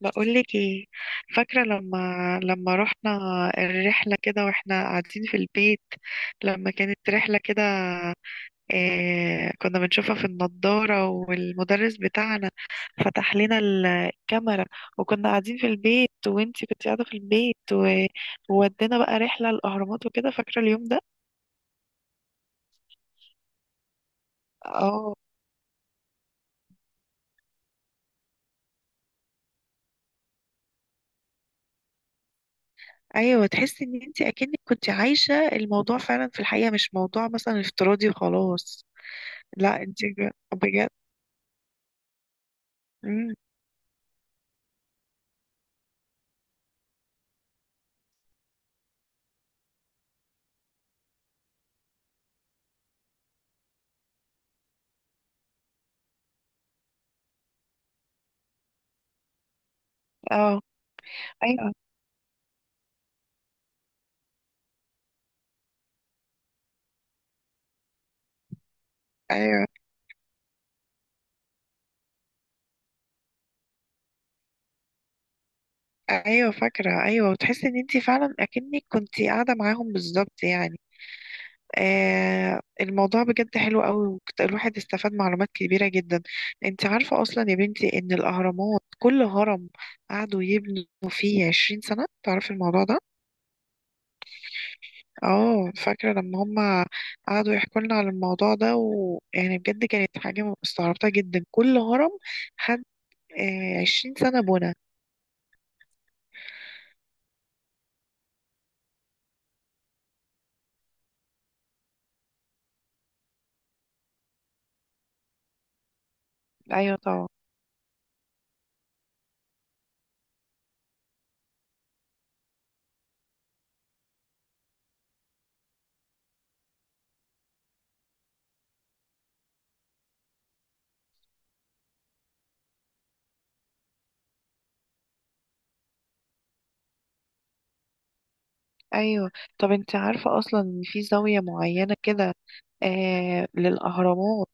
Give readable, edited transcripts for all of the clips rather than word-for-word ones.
بقولك ايه؟ فاكرة لما رحنا الرحلة كده واحنا قاعدين في البيت؟ لما كانت رحلة كده إيه كنا بنشوفها في النضارة، والمدرس بتاعنا فتح لنا الكاميرا، وكنا قاعدين في البيت وانتي كنت قاعدة في البيت وودينا بقى رحلة الأهرامات وكده. فاكرة اليوم ده؟ اه. ايوه، تحسي ان انتي اكنك كنت عايشة الموضوع فعلا في الحقيقة، مش موضوع مثلا افتراضي وخلاص. لا انتي بجد. اه. ايوه ايوه ايوه فاكره. ايوه، وتحسي ان انت فعلا اكنك كنت قاعده معاهم بالظبط، يعني الموضوع بجد حلو قوي، الواحد استفاد معلومات كبيره جدا. انت عارفه اصلا يا بنتي ان الاهرامات كل هرم قعدوا يبنوا فيه 20 سنه؟ تعرفي الموضوع ده؟ اه فاكره لما هم قعدوا يحكوا لنا على الموضوع ده، ويعني بجد كانت حاجه استغربتها جدا. كل هرم خد عشرين سنه بنا. ايوه طبعا. ايوه. طب انت عارفه اصلا ان في زاويه معينه كده للاهرامات،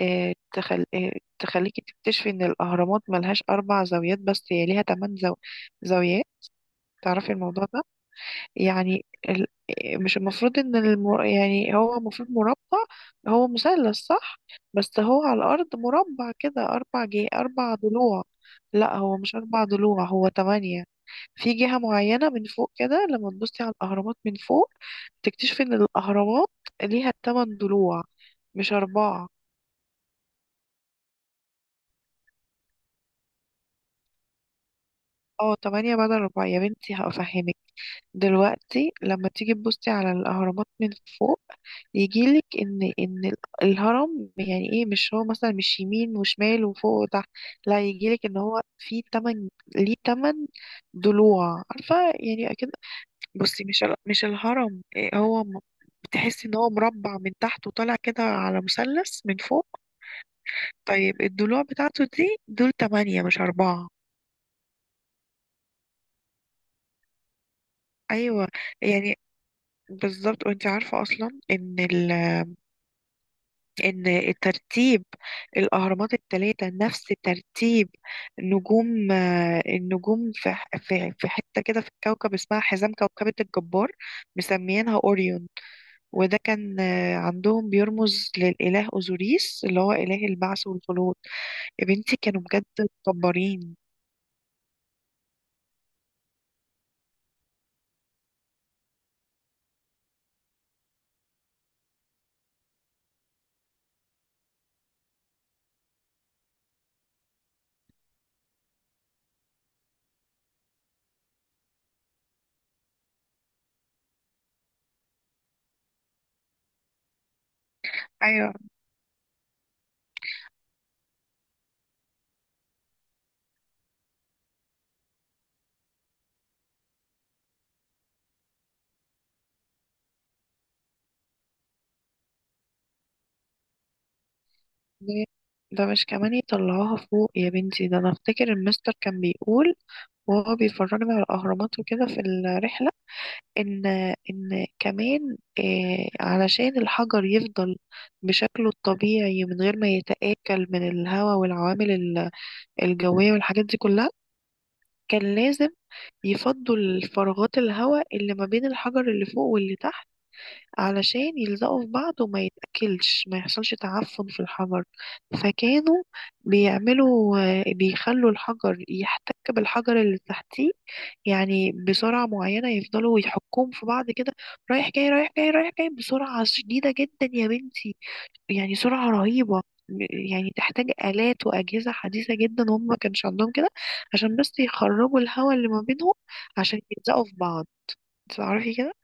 آه تخل... آه تخليكي تكتشفي ان الاهرامات ملهاش اربع زاويات، بس هي ليها تمن زاويات. تعرفي الموضوع ده؟ يعني ال... آه، مش المفروض ان يعني هو المفروض مربع. هو مثلث صح، بس هو على الارض مربع كده اربع اربع ضلوع. لا هو مش اربع ضلوع، هو تمانية. في جهة معينة من فوق كده لما تبصي على الأهرامات من فوق تكتشفي إن الأهرامات ليها تمن ضلوع، مش أربعة. اه تمانية بدل أربعة يا بنتي، هفهمك دلوقتي. لما تيجي تبصي على الأهرامات من فوق، يجيلك إن الهرم يعني إيه؟ مش هو مثلا مش يمين وشمال وفوق وتحت؟ لا يجيلك إن هو في تمن، ليه تمن ضلوع؟ عارفة يعني أكيد. بصي مش مش الهرم إيه هو؟ تحس ان هو مربع من تحت وطالع كده على مثلث من فوق، طيب الضلوع بتاعته دي دول تمانية مش أربعة. أيوة يعني بالظبط. وانت عارفة أصلا إن إن الترتيب، الأهرامات التلاتة نفس ترتيب نجوم، النجوم في حتة كده في الكوكب اسمها حزام كوكبة الجبار، مسميينها أوريون. وده كان عندهم بيرمز للإله أوزوريس اللي هو إله البعث والخلود. يا بنتي كانوا بجد مكبرين. ايوه. ده ده مش كمان يطلعوها فوق يا بنتي، ده انا افتكر المستر كان بيقول وهو بيفرجنا على الاهرامات وكده في الرحله، ان ان كمان علشان الحجر يفضل بشكله الطبيعي من غير ما يتاكل من الهواء والعوامل الجويه والحاجات دي كلها، كان لازم يفضوا الفراغات الهواء اللي ما بين الحجر اللي فوق واللي تحت، علشان يلزقوا في بعض وما يتأكلش، ما يحصلش تعفن في الحجر. فكانوا بيعملوا، بيخلوا الحجر يحتك بالحجر اللي تحتيه، يعني بسرعة معينة يفضلوا يحكوهم في بعض كده، رايح جاي رايح جاي رايح جاي بسرعة شديدة جدا يا بنتي، يعني سرعة رهيبة. يعني تحتاج آلات وأجهزة حديثة جدا، وهم ما كانش عندهم كده عشان بس يخرجوا الهواء اللي ما بينهم عشان يلزقوا في بعض. تعرفي كده؟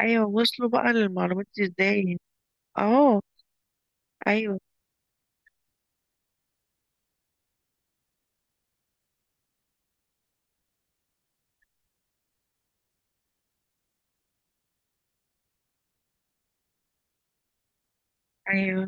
ايوه، وصلوا بقى للمعلومات دي ازاي. اه. ايوه ايوه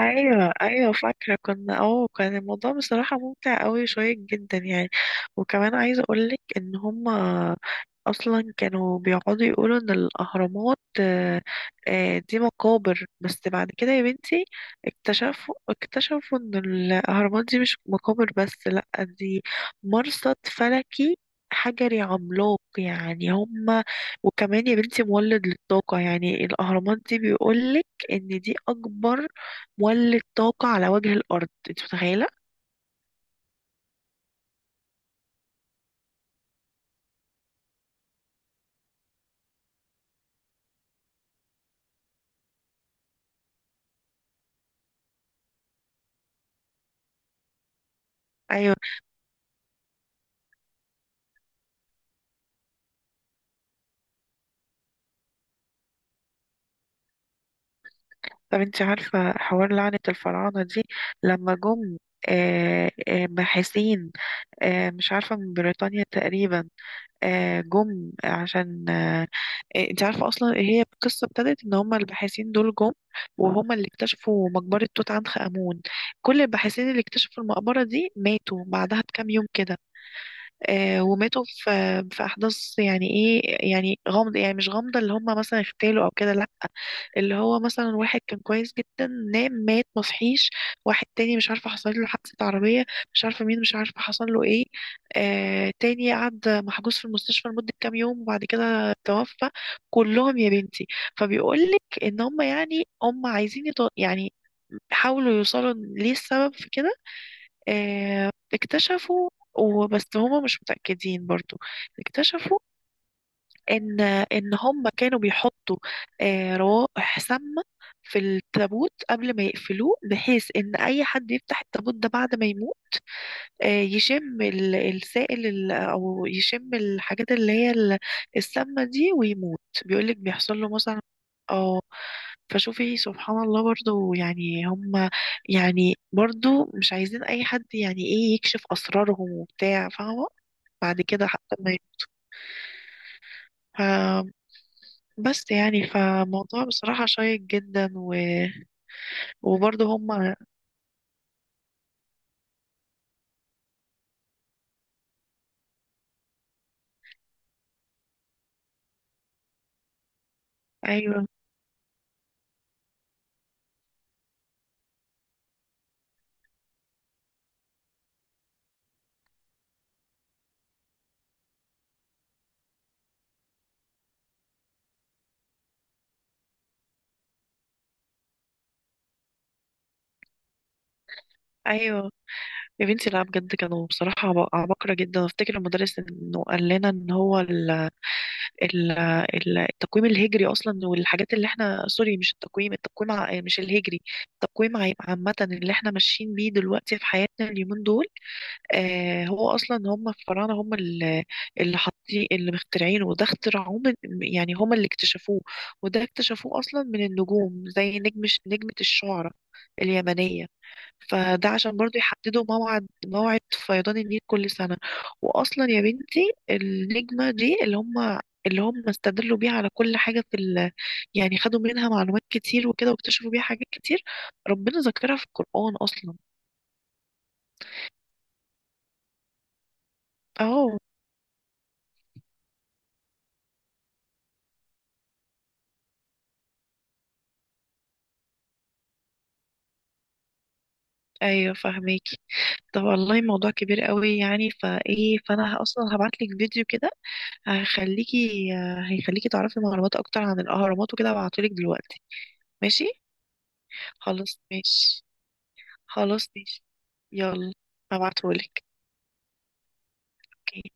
ايوه فاكره كنا اه، كان الموضوع بصراحه ممتع قوي شويه جدا يعني. وكمان عايزه اقولك ان هما اصلا كانوا بيقعدوا يقولوا ان الاهرامات دي مقابر بس، بعد كده يا بنتي اكتشفوا ان الاهرامات دي مش مقابر بس، لا دي مرصد فلكي حجري عملاق. يعني هما، وكمان يا بنتي مولد للطاقة. يعني الأهرامات دي بيقولك إن دي أكبر ولت طاقة على وجه الأرض، انت متخيلة؟ أيوة. طب انت عارفة حوار لعنة الفراعنة دي؟ لما جم باحثين، مش عارفة من بريطانيا تقريبا، جم عشان انت عارفة أصلا هي القصة ابتدت إن هما الباحثين دول جم، وهما اللي اكتشفوا مقبرة توت عنخ آمون. كل الباحثين اللي اكتشفوا المقبرة دي ماتوا بعدها بكام يوم كده. وماتوا في احداث يعني ايه، يعني غامضه، يعني مش غامضه اللي هم مثلا اغتالوا او كده، لا، اللي هو مثلا واحد كان كويس جدا نام مات مصحيش، واحد تاني مش عارفه حصل له حادثه عربيه، مش عارفه مين، مش عارفه حصل له ايه، آه تاني قعد محجوز في المستشفى لمده كام يوم وبعد كده توفى. كلهم يا بنتي. فبيقول لك ان هم يعني هم عايزين يعني حاولوا يوصلوا ليه السبب في كده. اكتشفوا، وبس هما مش متأكدين برضو، اكتشفوا ان هما كانوا بيحطوا روائح سامة في التابوت قبل ما يقفلوه، بحيث ان اي حد يفتح التابوت ده بعد ما يموت، يشم السائل او يشم الحاجات اللي هي السامه دي ويموت. بيقولك بيحصل له مثلا. اه. فشوفي سبحان الله برضو، يعني هم، يعني برضو مش عايزين اي حد يعني ايه يكشف اسرارهم وبتاع، فاهمه؟ بعد كده حتى ما ي- ف بس يعني فموضوع بصراحه شيق جدا وبرضو هم. ايوه. ايوه يا بنتي، لا بجد كانوا بصراحه عباقره جدا. افتكر المدرس انه قال لنا ان هو ال- التقويم الهجري اصلا والحاجات اللي احنا، سوري مش التقويم، التقويم مش الهجري، التقويم عامة اللي احنا ماشيين بيه دلوقتي في حياتنا اليومين دول، آه هو اصلا هم الفراعنة هم اللي حاطين اللي مخترعينه، وده اخترعوه من، يعني هم اللي اكتشفوه، وده اكتشفوه اصلا من النجوم زي نجمة الشعرى اليمنية. فده عشان برضو يحددوا موعد موعد فيضان النيل كل سنة. وأصلا يا بنتي النجمة دي اللي هم استدلوا بيها على كل حاجة في يعني خدوا منها معلومات كتير وكده، واكتشفوا بيها حاجات كتير. ربنا ذكرها في القرآن أصلا. أهو. أيوة فهميكي. طب والله موضوع كبير قوي يعني، فإيه، فأنا أصلا هبعتلك فيديو كده هيخليكي هيخليكي تعرفي معلومات أكتر عن الأهرامات وكده. هبعتهولك دلوقتي، ماشي؟ خلاص ماشي. خلاص ماشي. يلا هبعتهولك. اوكي.